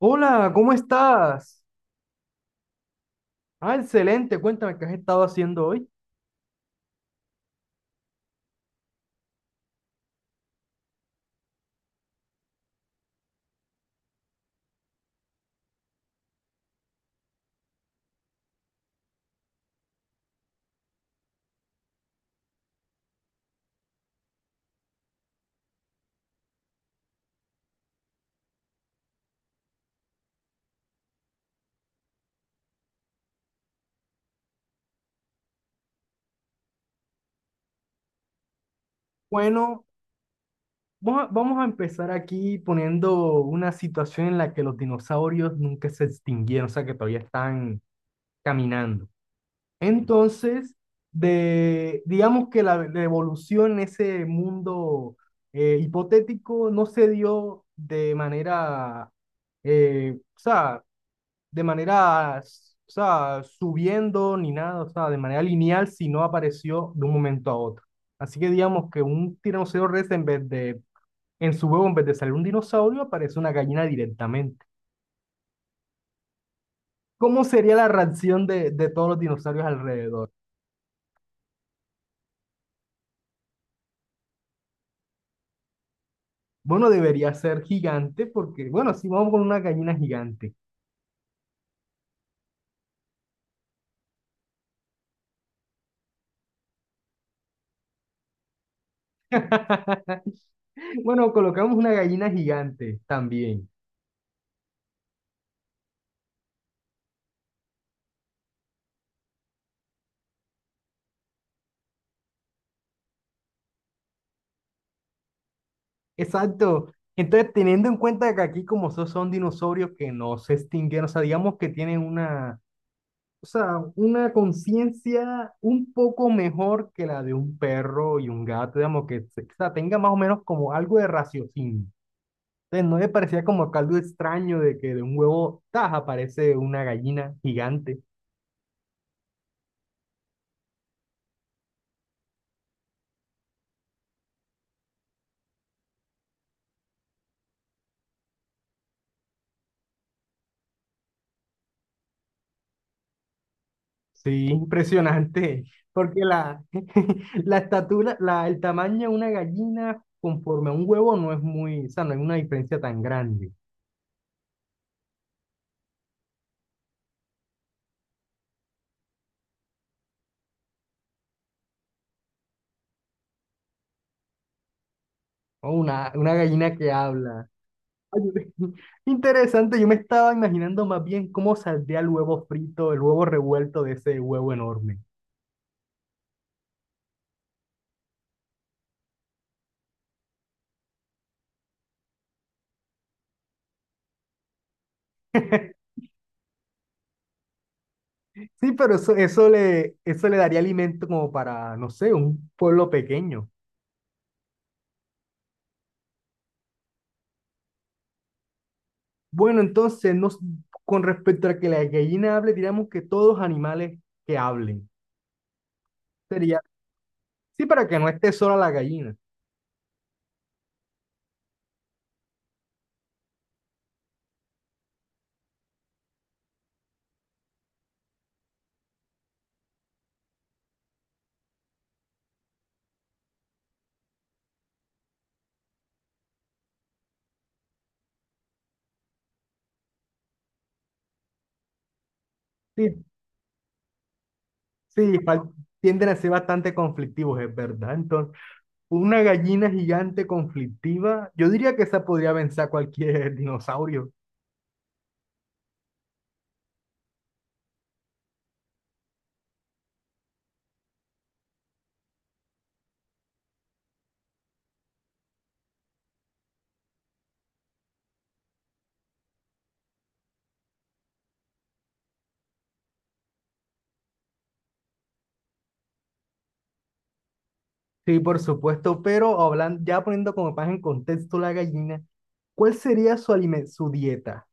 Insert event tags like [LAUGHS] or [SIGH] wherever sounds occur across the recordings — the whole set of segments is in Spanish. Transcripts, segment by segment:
Hola, ¿cómo estás? Ah, excelente, cuéntame qué has estado haciendo hoy. Bueno, vamos a empezar aquí poniendo una situación en la que los dinosaurios nunca se extinguieron, o sea que todavía están caminando. Entonces, digamos que la evolución en ese mundo hipotético no se dio de manera, o sea, de manera, o sea, subiendo ni nada, o sea, de manera lineal, si no apareció de un momento a otro. Así que digamos que un tiranosaurio rex en su huevo, en vez de salir un dinosaurio, aparece una gallina directamente. ¿Cómo sería la reacción de todos los dinosaurios alrededor? Bueno, debería ser gigante porque, bueno, si vamos con una gallina gigante. [LAUGHS] Bueno, colocamos una gallina gigante también. Exacto. Entonces, teniendo en cuenta que aquí como son dinosaurios que no se extinguieron, o sea, digamos que tienen una, o sea, una conciencia un poco mejor que la de un perro y un gato, digamos que o sea, tenga más o menos como algo de raciocinio. Entonces, no le parecía como que algo extraño de que de un huevo taja aparece una gallina gigante. Sí, impresionante, porque [LAUGHS] la estatura, el tamaño de una gallina conforme a un huevo no es muy, o sea, no hay una diferencia tan grande. O una gallina que habla. Ay, [LAUGHS] interesante, yo me estaba imaginando más bien cómo saldría el huevo frito, el huevo revuelto de ese huevo enorme. Sí, pero eso le daría alimento como para, no sé, un pueblo pequeño. Bueno, entonces, nos, con respecto a que la gallina hable, diríamos que todos animales que hablen. Sería, sí, para que no esté sola la gallina. Sí, sí, tienden a ser bastante conflictivos, es verdad. Entonces, una gallina gigante conflictiva, yo diría que esa podría vencer a cualquier [LAUGHS] dinosaurio. Sí, por supuesto, pero hablando, ya poniendo como más en contexto la gallina, ¿cuál sería su dieta?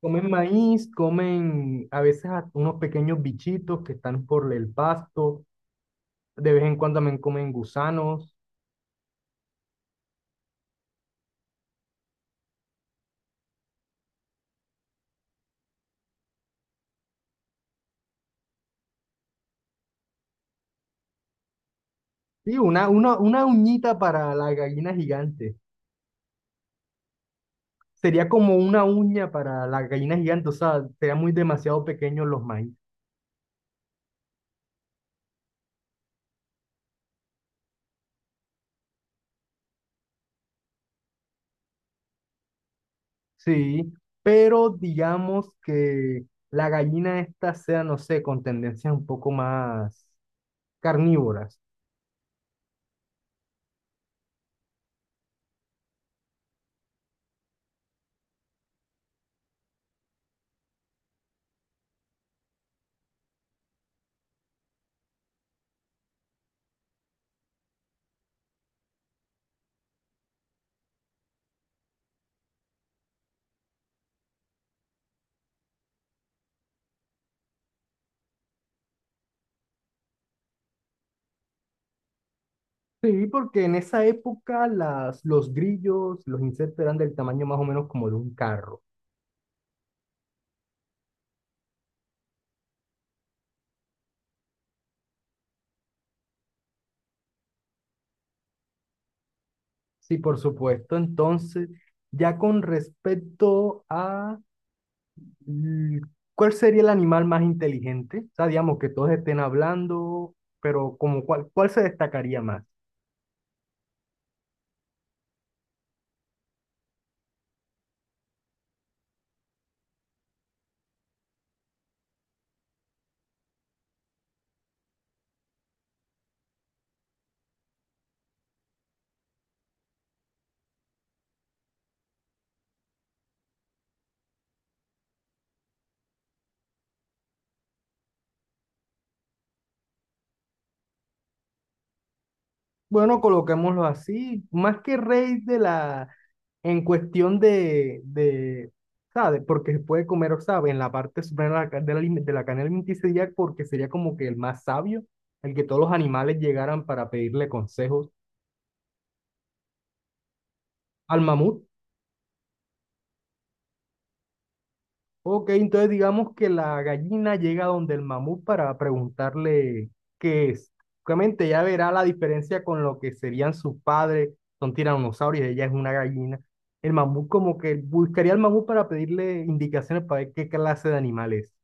Comen maíz, comen a veces unos pequeños bichitos que están por el pasto, de vez en cuando también comen gusanos. Sí, una uñita para la gallina gigante. Sería como una uña para la gallina gigante, o sea, serían muy demasiado pequeños los maíz. Sí, pero digamos que la gallina esta sea, no sé, con tendencias un poco más carnívoras. Sí, porque en esa época los grillos, los insectos eran del tamaño más o menos como de un carro. Sí, por supuesto. Entonces, ya con respecto a mm, ¿cuál sería el animal más inteligente? O sea, digamos que todos estén hablando, pero como cuál, ¿cuál se destacaría más? Bueno, coloquémoslo así, más que rey de la, en cuestión de, ¿sabes? Porque se puede comer, o sabe, en la parte suprema de de de la cadena alimenticia, porque sería como que el más sabio, el que todos los animales llegaran para pedirle consejos al mamut. Ok, entonces digamos que la gallina llega donde el mamut para preguntarle qué es. Obviamente ya verá la diferencia con lo que serían sus padres, son tiranosaurios, ella es una gallina. El mamut como que buscaría al mamut para pedirle indicaciones para ver qué clase de animal es.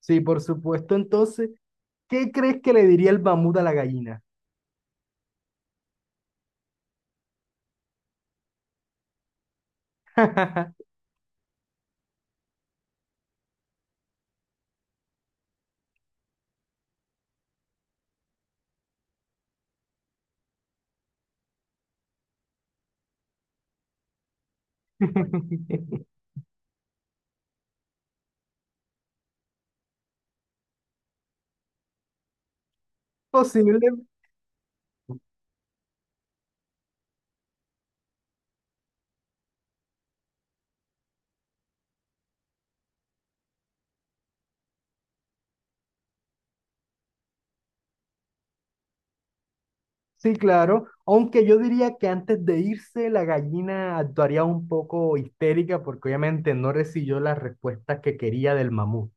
Sí, por supuesto. Entonces, ¿qué crees que le diría el mamut a la gallina? [LAUGHS] Posiblemente sí, claro, aunque yo diría que antes de irse la gallina actuaría un poco histérica porque obviamente no recibió las respuestas que quería del mamut.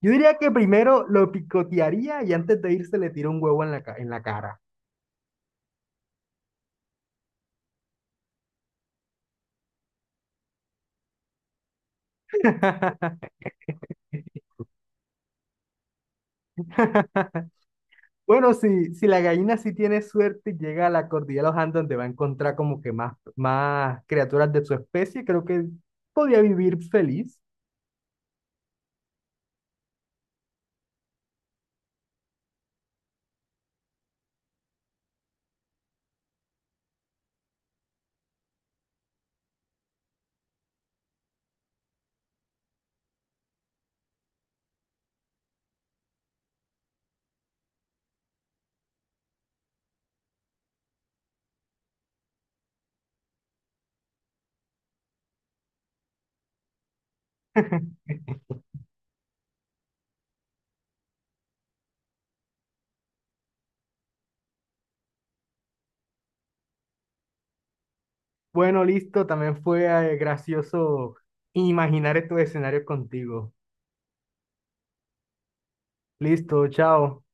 Yo diría que primero lo picotearía y antes de irse le tiró un huevo en la, en la cara. [LAUGHS] Bueno, si la gallina sí tiene suerte y llega a la cordillera de los Andes donde va a encontrar como que más criaturas de su especie, creo que podría vivir feliz. [LAUGHS] Bueno, listo, también fue gracioso imaginar estos escenarios contigo. Listo, chao.